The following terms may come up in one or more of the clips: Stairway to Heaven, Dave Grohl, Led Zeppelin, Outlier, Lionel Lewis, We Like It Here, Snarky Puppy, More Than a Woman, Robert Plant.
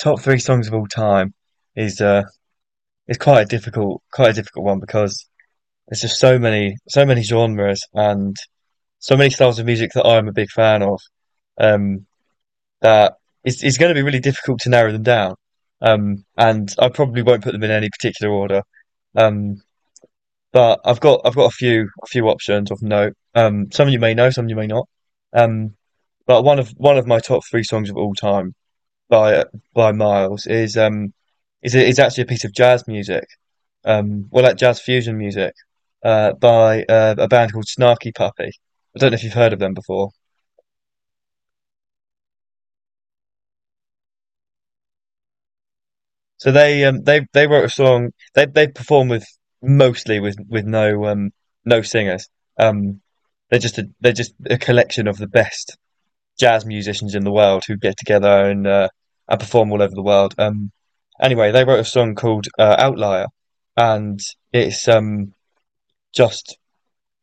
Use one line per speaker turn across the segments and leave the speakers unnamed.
Top three songs of all time is is quite a difficult one, because there's just so many genres, and so many styles of music that I'm a big fan of. Um that it's it's going to be really difficult to narrow them down. And I probably won't put them in any particular order. um but I've got, I've got, a few options of note. Some you may know, some you may not. um but one of, one of, my top three songs of all time, by by Miles, is is actually a piece of jazz music. Well, like, jazz fusion music, by a band called Snarky Puppy. I don't know if you've heard of them before. So, they wrote a song. They perform with, mostly with, no no singers. Um they're just a, collection of the best jazz musicians in the world, who get together and, and perform all over the world. Anyway, they wrote a song called, Outlier, and it's, just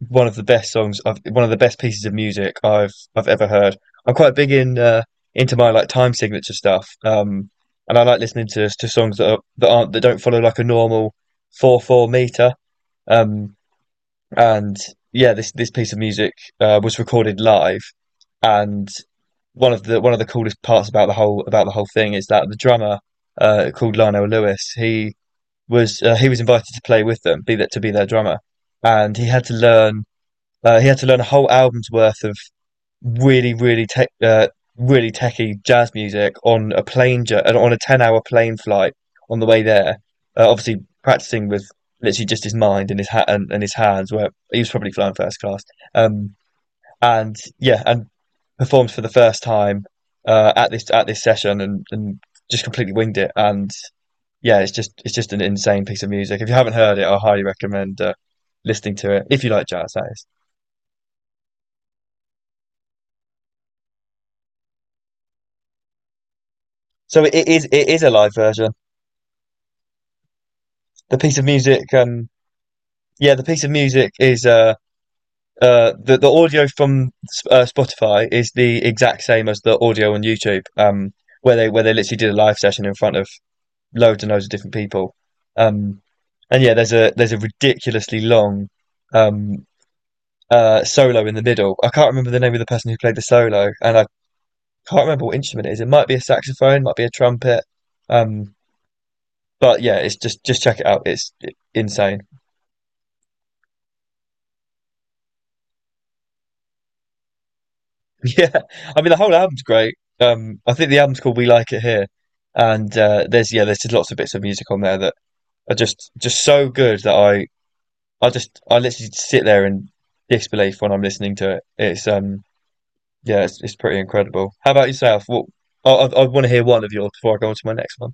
one of the best songs I've, one of the best pieces of music I've ever heard. I'm quite big in into my, like, time signature stuff. And I like listening to songs that aren't, that don't follow, like, a normal 4/4 meter. Um and yeah, this piece of music, was recorded live, and one of the, one of the, coolest parts about the whole, about the whole, thing is that the drummer, called Lionel Lewis, he was invited to play with them, be that to be their drummer, and he had to learn, a whole album's worth of really, really really techie jazz music on a 10-hour plane flight on the way there. Obviously, practicing with literally just his mind and his hat, and his hands. Where he was probably flying first class. Um, and yeah, and performed for the first time at this session, and just completely winged it. And yeah, it's just, it's just, an insane piece of music. If you haven't heard it, I highly recommend, listening to it, if you like jazz. That is. So it is a live version. The piece of music, yeah, the piece of music is, the audio from Spotify, is the exact same as the audio on YouTube, where they literally did a live session in front of loads and loads of different people. um, and yeah, there's a, there's a, ridiculously long, um, solo in the middle. I can't remember the name of the person who played the solo, and I can't remember what instrument it is. It might be a saxophone, might be a trumpet. um, but yeah, it's just check it out. It's insane. Yeah, I mean, the whole album's great. I think the album's called "We Like It Here," and, there's, yeah, there's just lots of bits of music on there that are just so good, that I literally sit there in disbelief when I'm listening to it. It's, yeah, it's pretty incredible. How about yourself? What, I want to hear one of yours before I go on to my next one.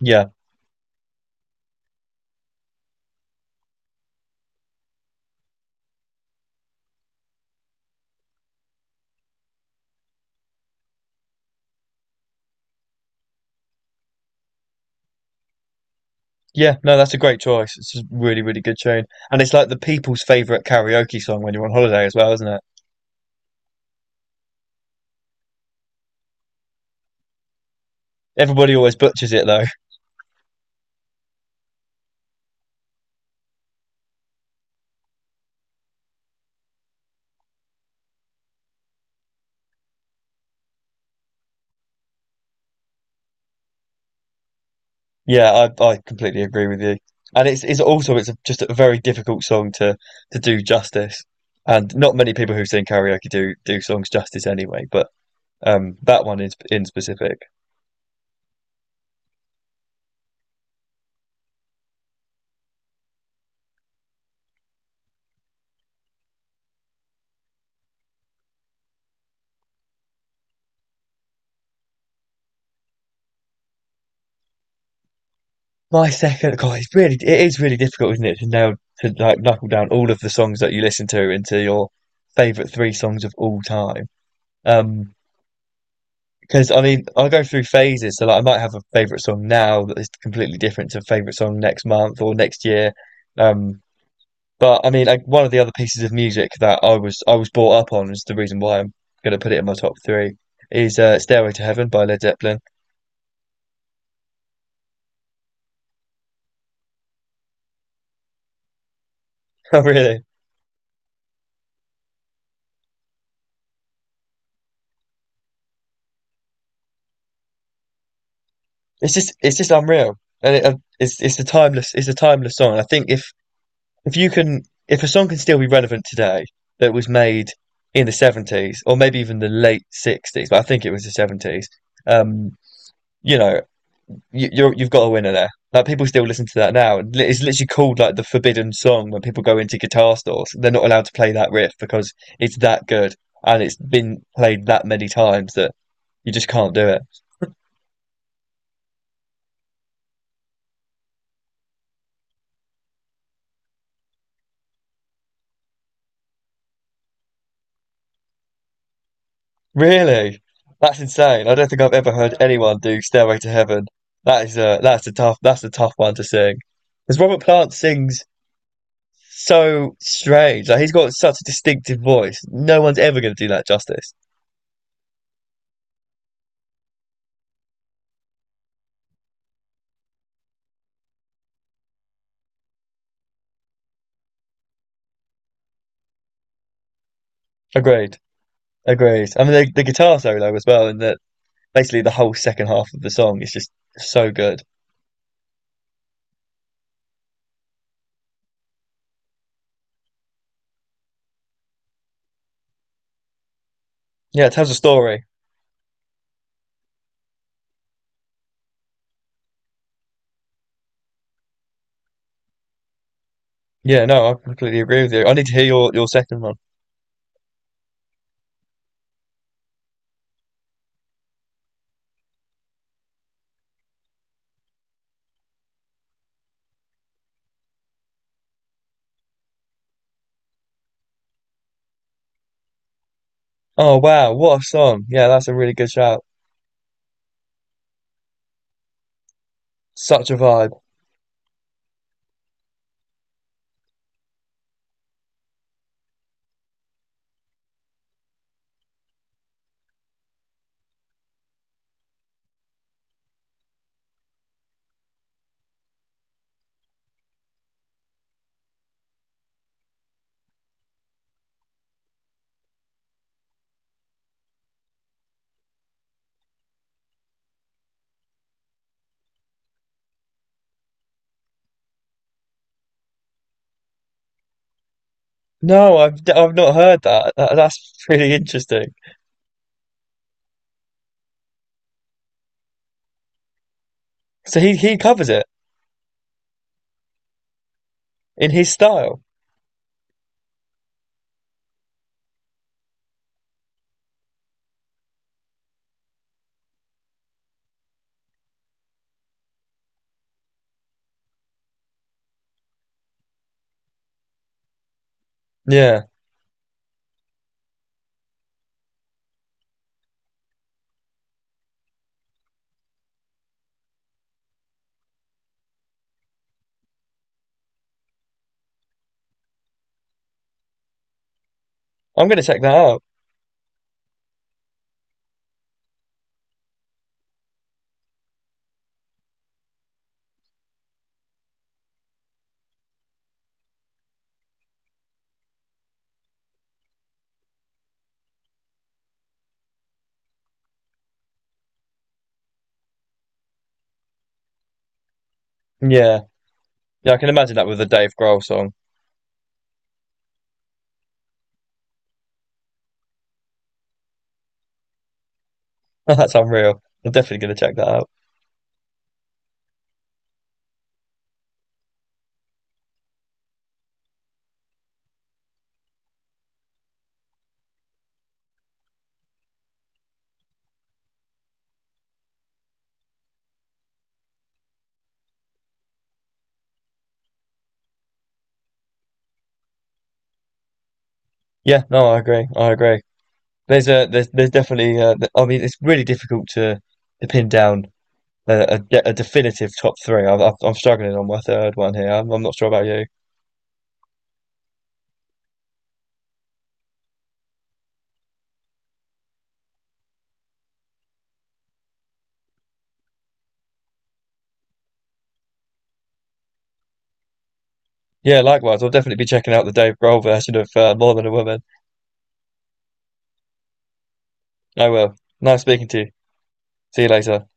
Yeah, yeah, no, that's a great choice. It's a really, really good tune, and it's, like, the people's favorite karaoke song when you're on holiday as well, isn't it? Everybody always butchers it, though. Yeah, I completely agree with you. And it's also, just a very difficult song to do justice. And not many people who sing karaoke do songs justice anyway, but that one is, in specific. My second... God, it is really difficult, isn't it, to nail to like, knuckle down all of the songs that you listen to into your favorite three songs of all time. Um because, I mean, I go through phases, so, like, I might have a favorite song now that is completely different to a favorite song next month or next year. Um But, I mean, like, one of the other pieces of music that I was brought up on, is the reason why I'm gonna put it in my top three. Is, "Stairway to Heaven" by Led Zeppelin. Oh, really? It's just, it's just, unreal, and it's a timeless song. I think if you can, if a song can still be relevant today, that was made in the 70s, or maybe even the late 60s, but I think it was the 70s. Um, you know, you've got a winner there. Like, people still listen to that now. It's literally called, like, the forbidden song, when people go into guitar stores. They're not allowed to play that riff because it's that good, and it's been played that many times that you just can't do it. Really? That's insane. I don't think I've ever heard anyone do Stairway to Heaven. That's a tough one to sing. Because Robert Plant sings so strange. Like, he's got such a distinctive voice. No one's ever going to do that justice. Agreed. Agreed. I mean, the guitar solo as well, in the basically the whole second half of the song, is just so good. Yeah, it tells a story. Yeah, no, I completely agree with you. I need to hear your second one. Oh, wow, what a song. Yeah, that's a really good shout. Such a vibe. No, I've not heard that. That's really interesting. So he covers it in his style. Yeah. I'm gonna check that out. Yeah. Yeah, I can imagine that with the Dave Grohl song. That's unreal. I'm definitely gonna check that out. Yeah, no, I agree. I agree. There's a there's There's definitely, I mean, it's really difficult to pin down a, a, a definitive top three. I'm struggling on my third one here. I'm not sure about you. Yeah, likewise. I'll definitely be checking out the Dave Grohl version of, More Than a Woman. I will. Nice speaking to you. See you later.